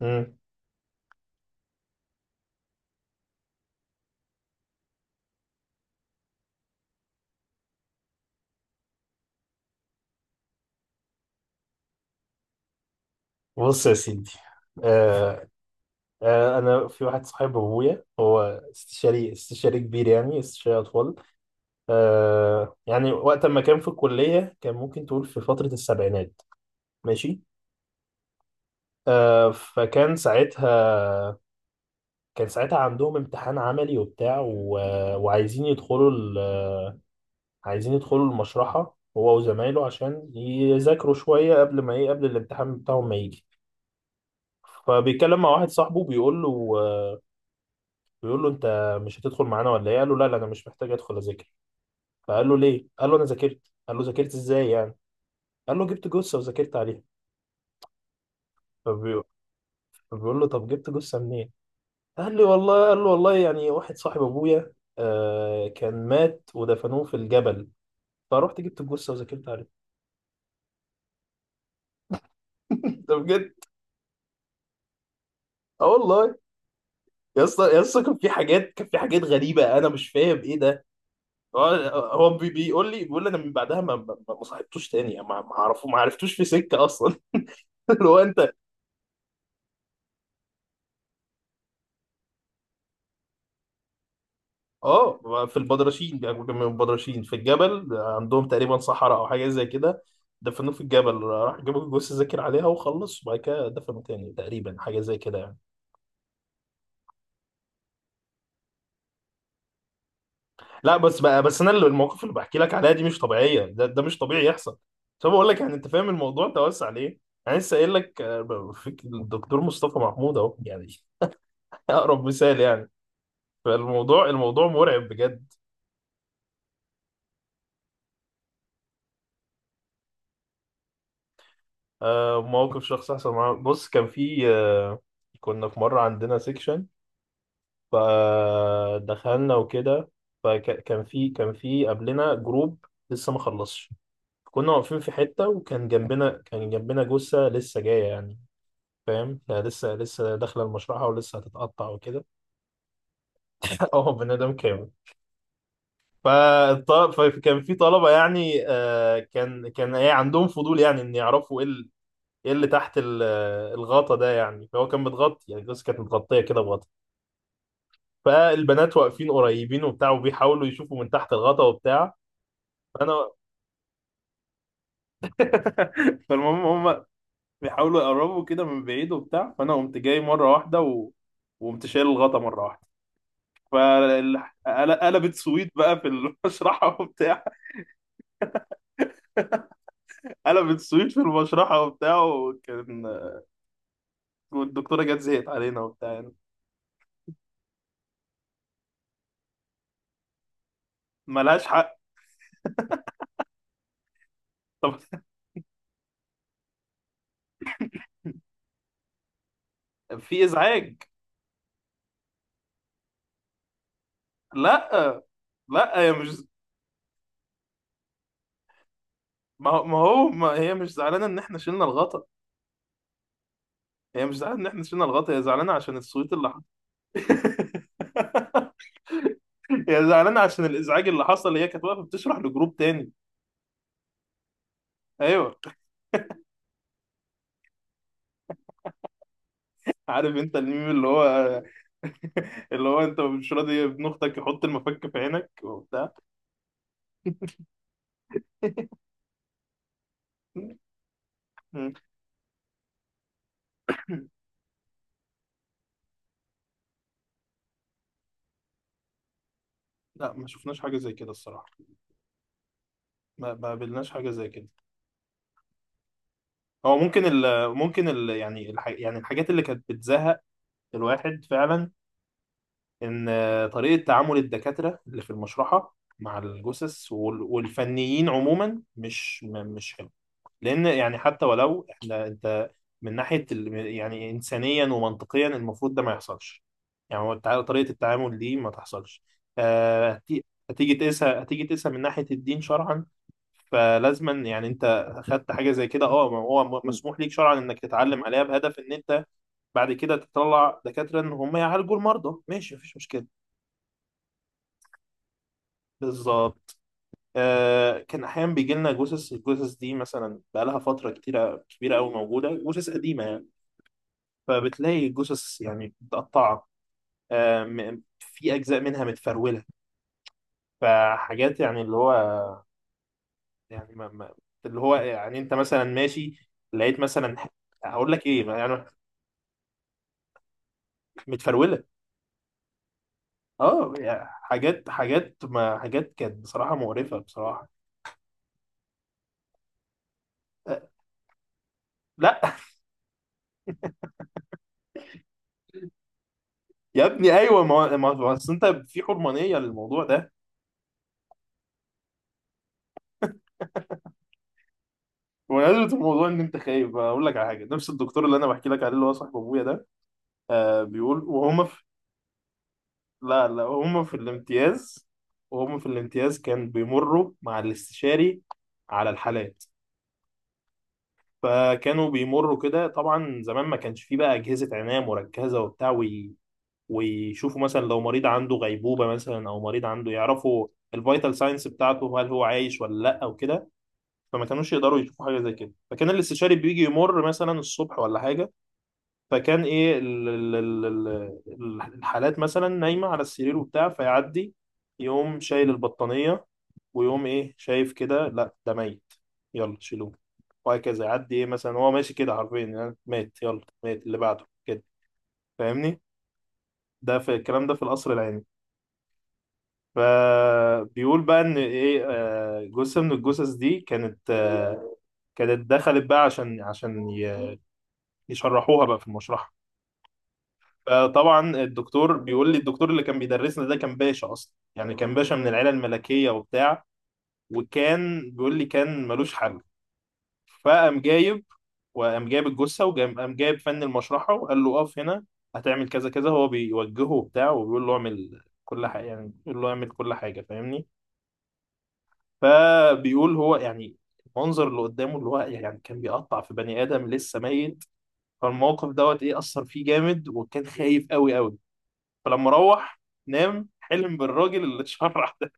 مم. بص يا سيدي. آه انا في واحد صاحب ابويا، هو استشاري كبير، يعني استشاري اطفال. يعني وقت ما كان في الكليه، كان ممكن تقول في فتره السبعينات. ماشي. فكان ساعتها، كان ساعتها عندهم امتحان عملي وبتاع وعايزين يدخلوا ال... عايزين يدخلوا المشرحه هو وزمايله، عشان يذاكروا شويه قبل ما ايه، قبل الامتحان بتاعهم ما يجي. فبيتكلم مع واحد صاحبه، بيقول له: انت مش هتدخل معانا ولا ايه؟ قال له: لا لا، انا مش محتاج ادخل اذاكر. فقال له: ليه؟ قال له: انا ذاكرت. قال له: ذاكرت ازاي يعني؟ قال له: جبت جثه وذاكرت عليها. فبي- فبيقول له: طب جبت جثه منين؟ قال له: والله، يعني واحد صاحب ابويا كان مات ودفنوه في الجبل، فروحت جبت الجثه وذاكرت عليها. ده بجد. اه والله. يا اسطى يا اسطى، كان في حاجات غريبه، انا مش فاهم ايه ده. هو هو بيقول لي: انا من بعدها ما صاحبتوش تاني، ما عرفتوش في سكه اصلا. اللي هو انت. اه، في البدرشين بياكلوا جنب البدرشين، في الجبل عندهم تقريبا صحراء او حاجه زي كده. دفنوه في الجبل، راح جابوا جثه ذاكر عليها وخلص، وبعد كده دفنوا تاني تقريبا، حاجه زي كده يعني. لا بس بقى، بس المواقف اللي بحكي لك عليها دي مش طبيعيه، ده مش طبيعي يحصل. طب بقول لك، يعني انت فاهم الموضوع توسع ليه؟ انا لسه قايل لك، في الدكتور مصطفى محمود اهو يعني. اقرب مثال يعني. الموضوع مرعب بجد. موقف شخص حصل معاه. بص كان في، كنا في مره عندنا سيكشن، فدخلنا وكده. فكان في كان في قبلنا جروب لسه ما خلصش. كنا واقفين في حتة، وكان جنبنا كان جنبنا جثة لسه جاية يعني. فاهم، هي لسه داخلة المشرحة، ولسه هتتقطع وكده. اه، بني آدم كامل. فكان في طلبة، يعني كان ايه، عندهم فضول يعني، ان يعرفوا ايه ايه اللي تحت الغطا ده يعني. فهو كان متغطي، يعني الجثة كانت متغطية كده بغطا. فالبنات واقفين قريبين وبتاع، وبيحاولوا يشوفوا من تحت الغطا وبتاع. فانا فالمهم، هم بيحاولوا يقربوا كده من بعيد وبتاع، فانا قمت جاي مره واحده وقمت شايل الغطا مره واحده، فقلبت سويت بقى في المشرحه. وبتاع، قلبت سويت في المشرحه وبتاع، وكان، والدكتوره جت زهقت علينا وبتاع يعني. ملهاش حق. طب. في ازعاج. لا لا، هي مش، ما هي مش زعلانه ان احنا شلنا الغطا، هي مش زعلانه ان احنا شلنا الغطا، هي زعلانه عشان السويت اللي حصل. هي زعلانه عشان الازعاج اللي حصل، هي كانت واقفه بتشرح لجروب تاني. ايوه. عارف انت الميم اللي هو، اللي هو انت مش راضي ابن اختك يحط المفك في عينك وبتاع. مم. لا، ما شفناش حاجه زي كده الصراحه، ما قابلناش حاجه زي كده. هو ممكن ال، يعني يعني الحاجات اللي كانت بتزهق الواحد فعلا، ان طريقه تعامل الدكاتره اللي في المشرحه مع الجثث والفنيين عموما مش مش حلو. لان يعني حتى ولو احنا انت، من ناحيه يعني انسانيا ومنطقيا، المفروض ده ما يحصلش، يعني هو طريقه التعامل دي ما تحصلش. هتيجي تقيسها من ناحيه الدين شرعا. فلازما يعني انت اخدت حاجه زي كده، اه، ما هو مسموح ليك شرعا انك تتعلم عليها، بهدف ان انت بعد كده تطلع دكاتره ان هم يعالجوا المرضى، ماشي مفيش مشكله. بالظبط. كان احيانا بيجي لنا جثث، الجثث دي مثلا بقى لها فتره كتيره كبيره قوي موجوده، جثث قديمه يعني. فبتلاقي الجثث يعني متقطعة، في أجزاء منها متفرولة. فحاجات يعني اللي هو، يعني اللي هو يعني أنت مثلا ماشي لقيت مثلا هقول لك إيه يعني. متفرولة. أه، يعني حاجات حاجات ما حاجات كانت بصراحة مقرفة، بصراحة. آه، لا. يا ابني أيوه، أصل أنت في حرمانية للموضوع ده، بمناسبة الموضوع إن أنت خايف. أقول لك على حاجة، نفس الدكتور اللي أنا بحكي لك عليه اللي هو صاحب أبويا ده، بيقول وهم. لا لا، هم في الامتياز، وهم في الامتياز كان بيمروا مع الاستشاري على الحالات. فكانوا بيمروا كده، طبعا زمان ما كانش فيه بقى أجهزة عناية مركزة وبتاع، ويشوفوا مثلا لو مريض عنده غيبوبة، مثلا، أو مريض عنده، يعرفوا الفيتال ساينس بتاعته، هل هو عايش ولا لا او كده. فما كانوش يقدروا يشوفوا حاجة زي كده، فكان الاستشاري بيجي يمر مثلا الصبح ولا حاجة. فكان ايه الحالات مثلا نايمه على السرير وبتاع، فيعدي يقوم شايل البطانيه، ويقوم ايه شايف كده، لا ده ميت، يلا شيلوه، وهكذا. يعدي ايه مثلا، هو ماشي كده حرفيا يعني، مات يلا، مات اللي بعده كده، فاهمني؟ ده في الكلام ده في القصر العيني. فبيقول بقى ان ايه، جثه من الجثث دي كانت، كانت دخلت بقى عشان يشرحوها بقى في المشرحه. فطبعا الدكتور بيقول لي، الدكتور اللي كان بيدرسنا ده كان باشا اصلا، يعني كان باشا من العيله الملكيه وبتاع. وكان بيقول لي كان ملوش حل. فقام جايب وقام جايب الجثه، وقام جايب فن المشرحه وقال له: اقف هنا، هتعمل كذا كذا، هو بيوجهه وبتاع، وبيقول له اعمل كل حاجه، يعني بيقول له اعمل كل حاجه، فاهمني؟ فبيقول هو يعني، المنظر اللي قدامه اللي هو يعني، كان بيقطع في بني ادم لسه ميت. فالموقف دوت ايه، اثر فيه جامد، وكان خايف قوي قوي. فلما روح نام، حلم بالراجل اللي اتشرع ده.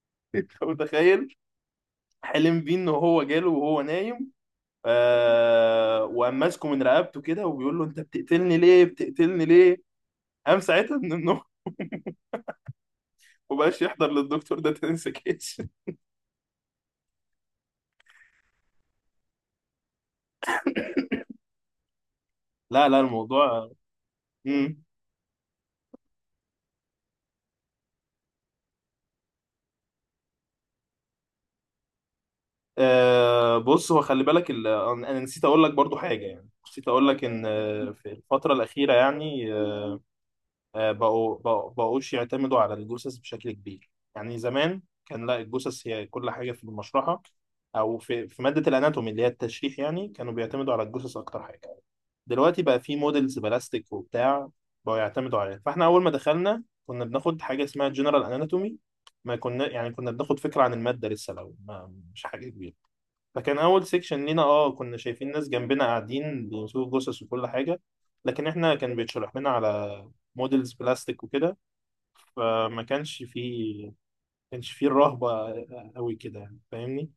انت متخيل؟ حلم بيه ان هو جاله وهو نايم، وقام ماسكه من رقبته كده وبيقول له: انت بتقتلني ليه، بتقتلني ليه؟ قام ساعتها من النوم. ومبقاش يحضر للدكتور ده تاني سكيش. لا لا، الموضوع. مم. آه، بص، هو خلي بالك انا نسيت اقول لك برضو حاجه، يعني نسيت اقول لك ان في الفتره الاخيره يعني، بقوش يعتمدوا على الجثث بشكل كبير. يعني زمان كان لا، الجثث هي كل حاجة في المشرحة، أو في مادة الأناتومي اللي هي التشريح، يعني كانوا بيعتمدوا على الجثث أكتر حاجة. دلوقتي بقى في موديلز بلاستيك وبتاع، بقوا يعتمدوا عليها. فإحنا أول ما دخلنا كنا بناخد حاجة اسمها جنرال أناتومي، ما كنا يعني كنا بناخد فكرة عن المادة لسه، لو ما، مش حاجة كبيرة. فكان اول سيكشن لينا، كنا شايفين ناس جنبنا قاعدين بيمسكوا جثث وكل حاجه، لكن احنا كان بيتشرح لنا على موديلز بلاستيك وكده. فما كانش فيه، ما كانش فيه الرهبه قوي كده يعني، فاهمني؟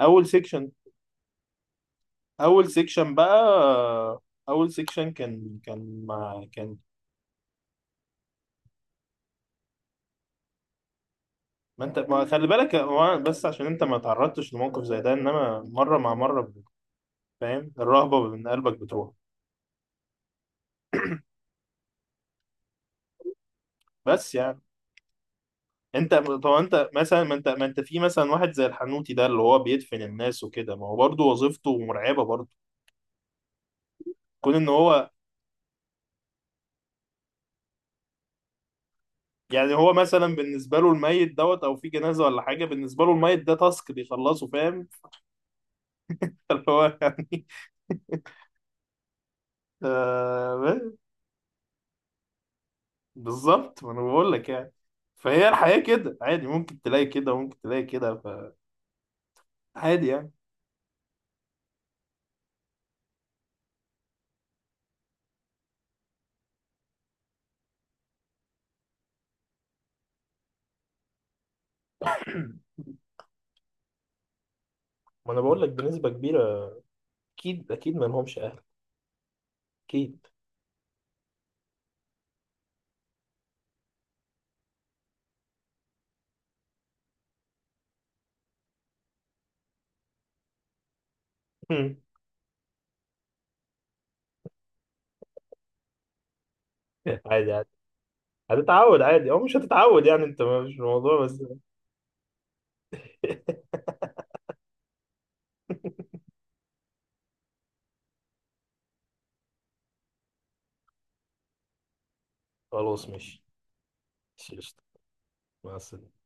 اول سيكشن، اول سيكشن بقى، اول سيكشن كان مع كان. ما انت ما خلي بالك، هو بس عشان انت ما تعرضتش لموقف زي ده، انما مره مع مره فاهم، الرهبه من قلبك بتروح. بس يعني انت، طب انت مثلا ما انت ما انت في مثلا واحد زي الحنوتي ده، اللي هو بيدفن الناس وكده، ما هو برضه وظيفته مرعبه برضه. كون ان هو، يعني هو مثلا بالنسبه له الميت دوت، او في جنازه ولا حاجه، بالنسبه له الميت ده تاسك بيخلصه، فاهم؟ اللي هو يعني. آه، بالظبط، ما انا بقول لك يعني. فهي الحياه كده عادي، ممكن تلاقي كده وممكن تلاقي كده، فعادي يعني. ما انا بقول لك بنسبه كبيره، اكيد اكيد ما لهمش اهل، اكيد. عادي عادي، هتتعود عادي او مش هتتعود، يعني انت مش الموضوع بس. خلاص ماشي. قشطة. مع السلامة.